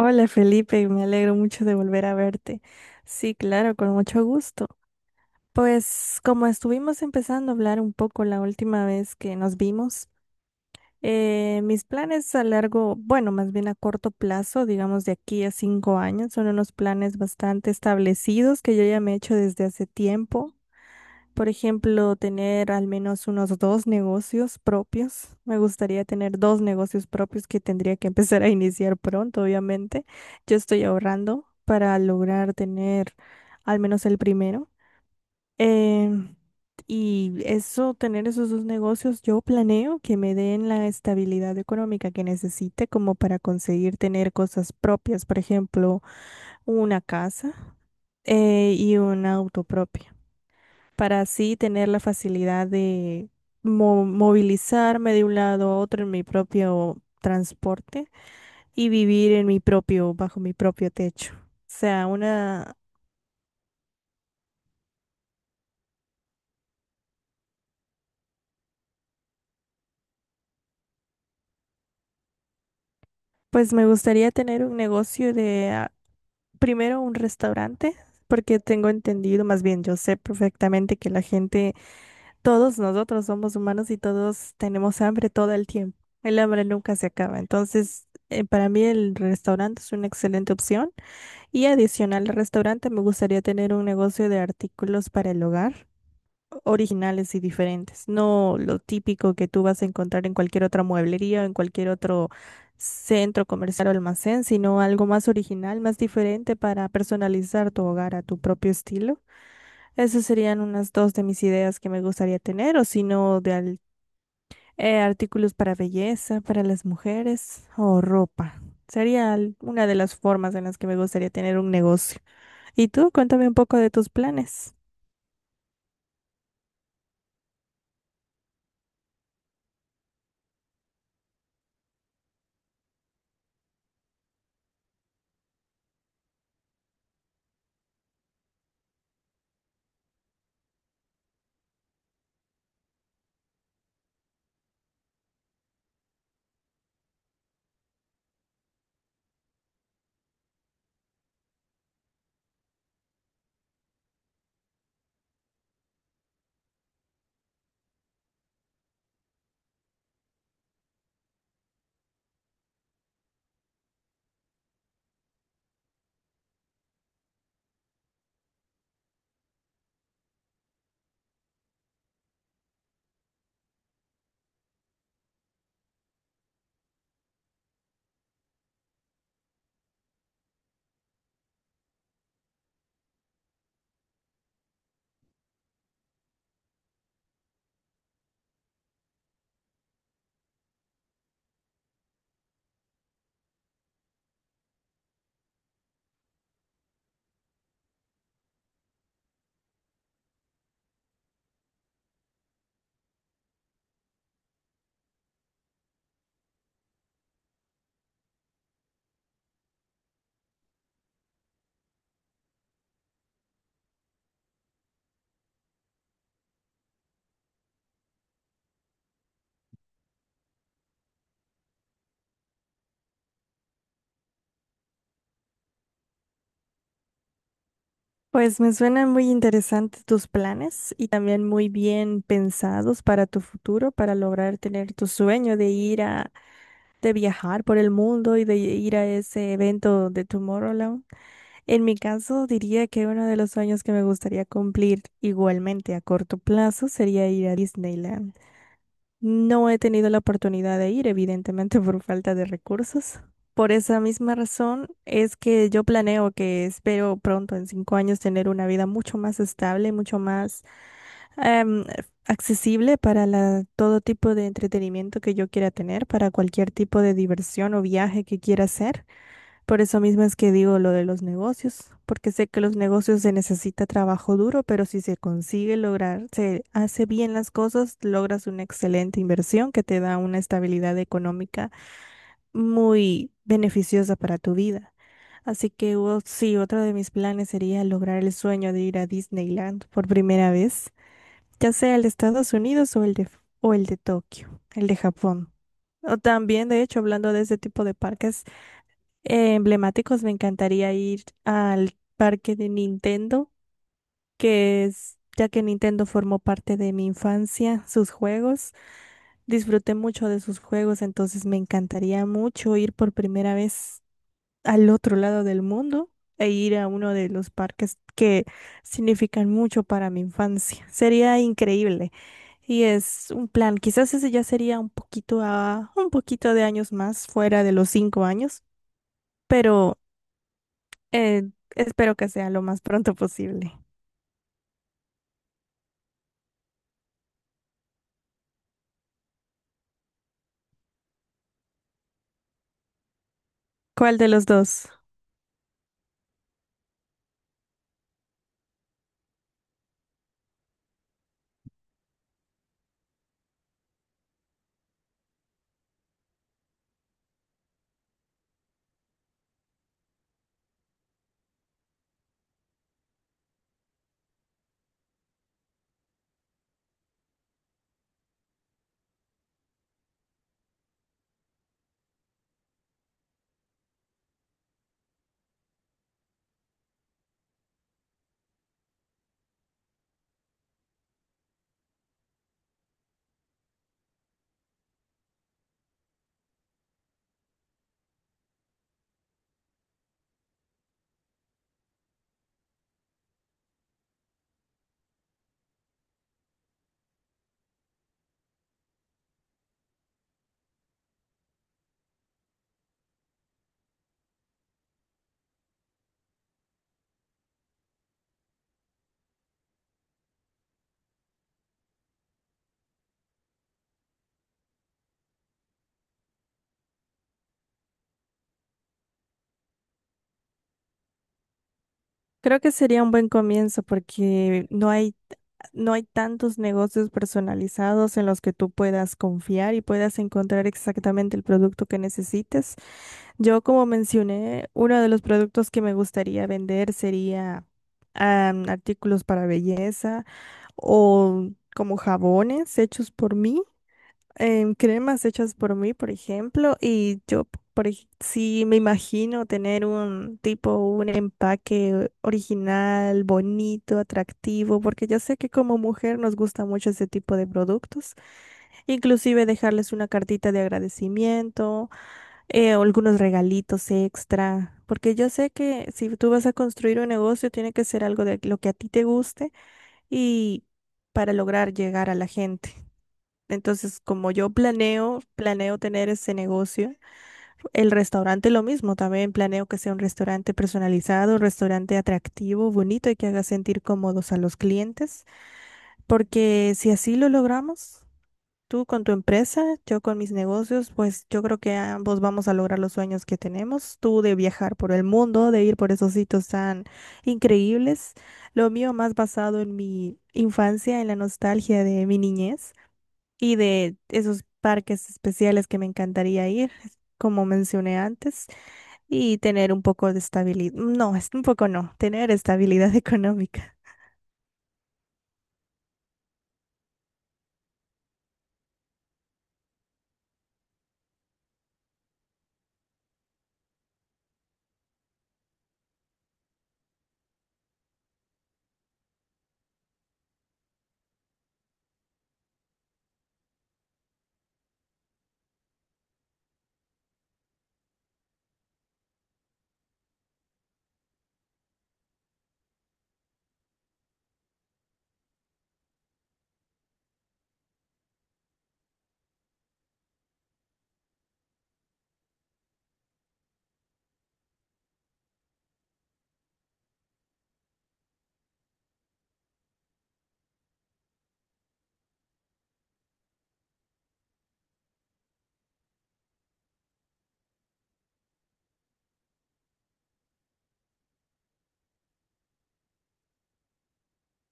Hola Felipe, me alegro mucho de volver a verte. Sí, claro, con mucho gusto. Pues como estuvimos empezando a hablar un poco la última vez que nos vimos, mis planes a largo, bueno, más bien a corto plazo, digamos de aquí a 5 años, son unos planes bastante establecidos que yo ya me he hecho desde hace tiempo. Por ejemplo, tener al menos unos dos negocios propios. Me gustaría tener dos negocios propios que tendría que empezar a iniciar pronto, obviamente. Yo estoy ahorrando para lograr tener al menos el primero. Em, y eso, tener esos dos negocios, yo planeo que me den la estabilidad económica que necesite como para conseguir tener cosas propias, por ejemplo, una casa y un auto propio para así tener la facilidad de movilizarme de un lado a otro en mi propio transporte y vivir en mi propio, bajo mi propio techo. O sea, una, pues me gustaría tener un negocio de, primero un restaurante, porque tengo entendido, más bien yo sé perfectamente que la gente, todos nosotros somos humanos y todos tenemos hambre todo el tiempo. El hambre nunca se acaba. Entonces, para mí el restaurante es una excelente opción. Y adicional al restaurante, me gustaría tener un negocio de artículos para el hogar, originales y diferentes, no lo típico que tú vas a encontrar en cualquier otra mueblería o en cualquier otro centro comercial o almacén, sino algo más original, más diferente para personalizar tu hogar a tu propio estilo. Esas serían unas dos de mis ideas que me gustaría tener, o si no, artículos para belleza, para las mujeres o ropa. Sería una de las formas en las que me gustaría tener un negocio. ¿Y tú? Cuéntame un poco de tus planes. Pues me suenan muy interesantes tus planes y también muy bien pensados para tu futuro, para lograr tener tu sueño de ir a, de viajar por el mundo y de ir a ese evento de Tomorrowland. En mi caso, diría que uno de los sueños que me gustaría cumplir igualmente a corto plazo sería ir a Disneyland. No he tenido la oportunidad de ir, evidentemente por falta de recursos. Por esa misma razón es que yo planeo que espero pronto, en 5 años, tener una vida mucho más estable, mucho más em, accesible para todo tipo de entretenimiento que yo quiera tener, para cualquier tipo de diversión o viaje que quiera hacer. Por eso mismo es que digo lo de los negocios, porque sé que los negocios se necesita trabajo duro, pero si se consigue lograr, se hace bien las cosas, logras una excelente inversión que te da una estabilidad económica muy beneficiosa para tu vida. Así que sí, otro de mis planes sería lograr el sueño de ir a Disneyland por primera vez, ya sea el de Estados Unidos o el de Tokio, el de Japón. O también, de hecho, hablando de ese tipo de parques emblemáticos, me encantaría ir al parque de Nintendo, que es, ya que Nintendo formó parte de mi infancia, sus juegos, disfruté mucho de sus juegos, entonces me encantaría mucho ir por primera vez al otro lado del mundo e ir a uno de los parques que significan mucho para mi infancia. Sería increíble. Y es un plan, quizás ese ya sería un poquito a, un poquito de años más, fuera de los 5 años, pero Eh, espero que sea lo más pronto posible. ¿Cuál de los dos? Creo que sería un buen comienzo porque no hay tantos negocios personalizados en los que tú puedas confiar y puedas encontrar exactamente el producto que necesites. Yo, como mencioné, uno de los productos que me gustaría vender sería artículos para belleza o como jabones hechos por mí. Cremas hechas por mí, por ejemplo, y yo, sí me imagino tener un tipo, un empaque original, bonito, atractivo, porque yo sé que como mujer nos gusta mucho ese tipo de productos, inclusive dejarles una cartita de agradecimiento, o algunos regalitos extra. Porque yo sé que si tú vas a construir un negocio, tiene que ser algo de lo que a ti te guste y para lograr llegar a la gente. Entonces, como yo planeo tener ese negocio, el restaurante lo mismo, también planeo que sea un restaurante personalizado, un restaurante atractivo, bonito y que haga sentir cómodos a los clientes, porque si así lo logramos, tú con tu empresa, yo con mis negocios, pues yo creo que ambos vamos a lograr los sueños que tenemos, tú de viajar por el mundo, de ir por esos sitios tan increíbles, lo mío más basado en mi infancia, en la nostalgia de mi niñez y de esos parques especiales que me encantaría ir, como mencioné antes, y tener un poco de estabilidad. No, es un poco no, tener estabilidad económica.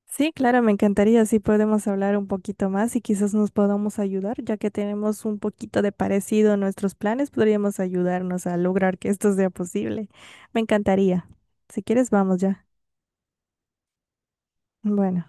Sí, claro, me encantaría si podemos hablar un poquito más y quizás nos podamos ayudar, ya que tenemos un poquito de parecido en nuestros planes, podríamos ayudarnos a lograr que esto sea posible. Me encantaría. Si quieres, vamos ya. Bueno.